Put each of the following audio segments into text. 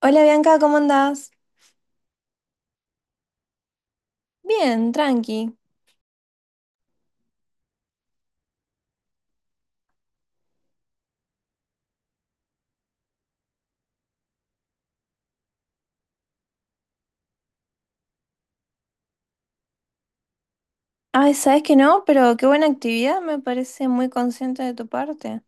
Hola Bianca, ¿cómo andás? Bien, tranqui. Ay, sabes que no, pero qué buena actividad, me parece muy consciente de tu parte.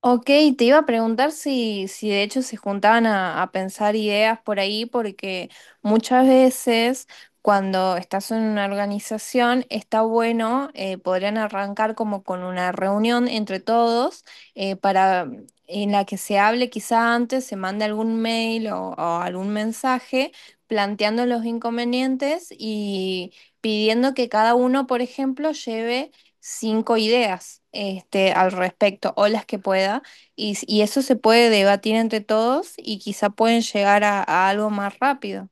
Ok, te iba a preguntar si de hecho se juntaban a pensar ideas por ahí, porque muchas veces cuando estás en una organización está bueno, podrían arrancar como con una reunión entre todos para en la que se hable quizá antes, se mande algún mail o algún mensaje planteando los inconvenientes y pidiendo que cada uno, por ejemplo, lleve 5 ideas este, al respecto o las que pueda y, y eso se puede debatir entre todos y quizá pueden llegar a algo más rápido.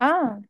Ah,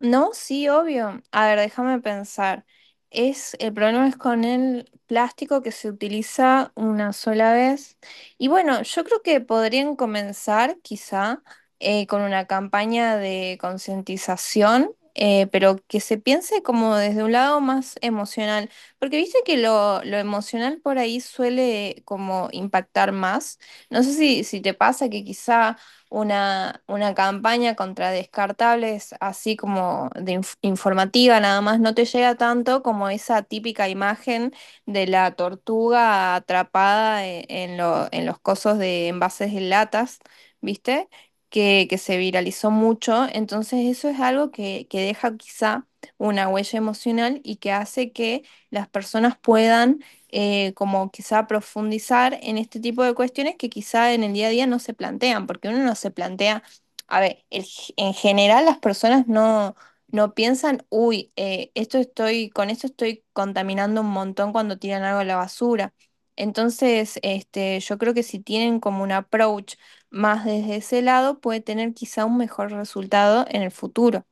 no, sí, obvio. A ver, déjame pensar. Es, el problema es con el plástico que se utiliza una sola vez. Y bueno, yo creo que podrían comenzar quizá con una campaña de concientización, pero que se piense como desde un lado más emocional, porque viste que lo emocional por ahí suele como impactar más. No sé si te pasa que quizá una campaña contra descartables, así como de informativa nada más, no te llega tanto como esa típica imagen de la tortuga atrapada en los cosos de envases de latas, ¿viste? Que se viralizó mucho. Entonces eso es algo que deja quizá una huella emocional y que hace que las personas puedan como quizá profundizar en este tipo de cuestiones que quizá en el día a día no se plantean, porque uno no se plantea, a ver, en general las personas no piensan, uy, con esto estoy contaminando un montón cuando tiran algo a la basura. Entonces, este, yo creo que si tienen como un approach más desde ese lado, puede tener quizá un mejor resultado en el futuro.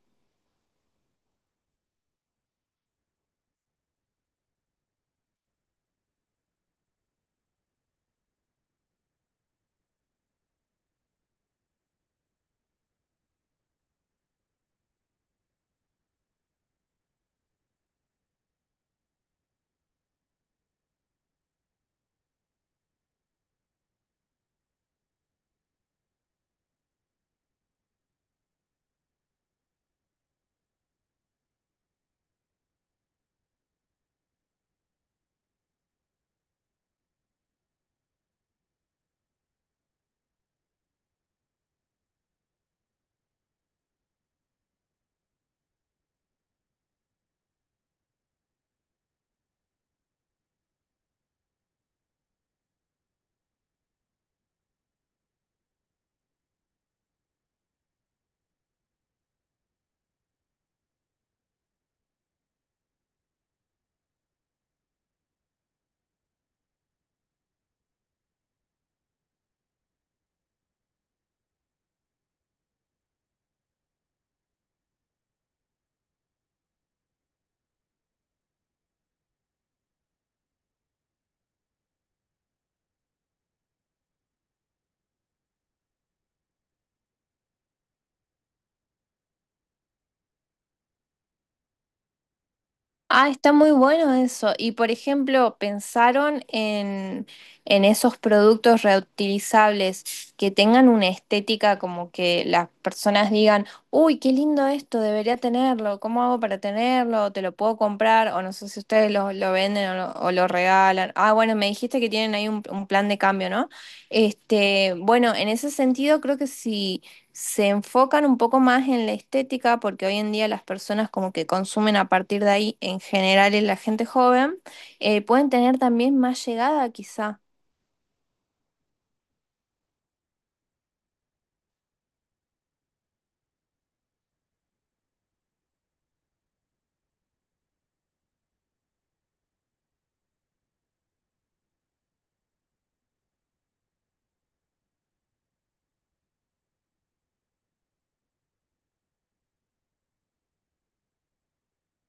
Ah, está muy bueno eso. Y por ejemplo, ¿pensaron en esos productos reutilizables que tengan una estética como que las personas digan, uy, qué lindo esto, debería tenerlo, ¿cómo hago para tenerlo? ¿Te lo puedo comprar? O no sé si ustedes lo venden o lo regalan. Ah, bueno, me dijiste que tienen ahí un plan de cambio, ¿no? Este, bueno, en ese sentido creo que sí se enfocan un poco más en la estética, porque hoy en día las personas como que consumen a partir de ahí, en general en la gente joven, pueden tener también más llegada quizá.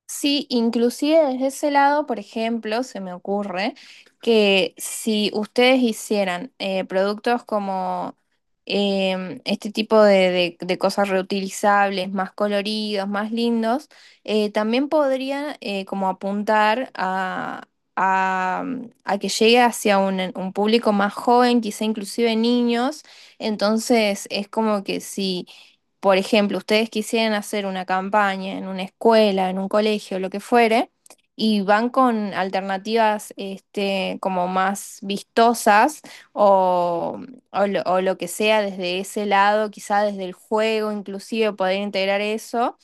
Sí, inclusive desde ese lado, por ejemplo, se me ocurre que si ustedes hicieran productos como este tipo de cosas reutilizables, más coloridos, más lindos, también podrían como apuntar a- a que llegue hacia un público más joven, quizá inclusive niños. Entonces es como que si por ejemplo, ustedes quisieran hacer una campaña en una escuela, en un colegio, lo que fuere, y van con alternativas este, como más vistosas o, o lo que sea desde ese lado, quizá desde el juego, inclusive poder integrar eso,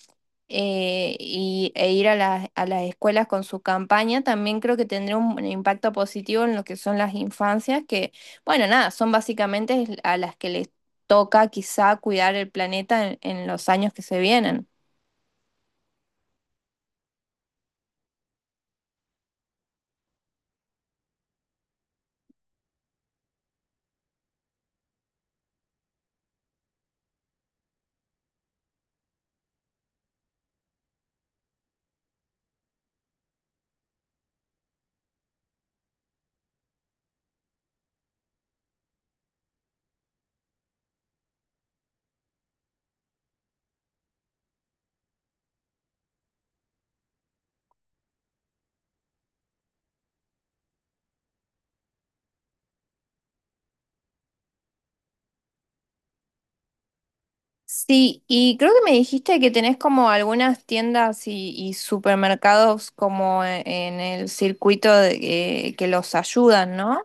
e ir a a las escuelas con su campaña, también creo que tendría un impacto positivo en lo que son las infancias, que, bueno, nada, son básicamente a las que les toca quizá cuidar el planeta en los años que se vienen. Sí, y creo que me dijiste que tenés como algunas tiendas y supermercados como en el circuito que los ayudan, ¿no?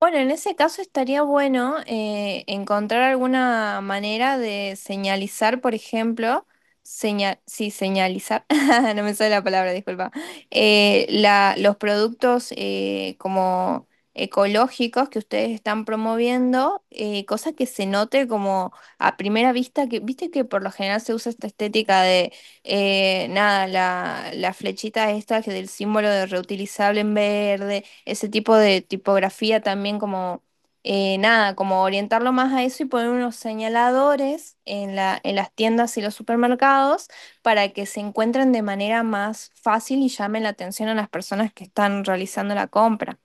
Bueno, en ese caso estaría bueno encontrar alguna manera de señalizar, por ejemplo, señal, sí, señalizar, no me sale la palabra, disculpa, la, los productos como ecológicos que ustedes están promoviendo, cosa que se note como a primera vista, que viste que por lo general se usa esta estética de, nada, la flechita esta que del símbolo de reutilizable en verde ese tipo de tipografía también como, nada, como orientarlo más a eso y poner unos señaladores en la, en las tiendas y los supermercados para que se encuentren de manera más fácil y llamen la atención a las personas que están realizando la compra.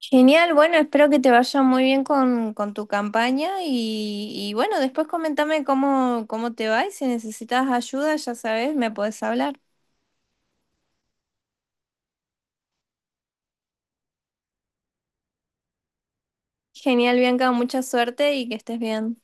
Genial, bueno, espero que te vaya muy bien con tu campaña y bueno, después comentame cómo, cómo te va y si necesitas ayuda, ya sabes, me puedes hablar. Genial, Bianca, mucha suerte y que estés bien.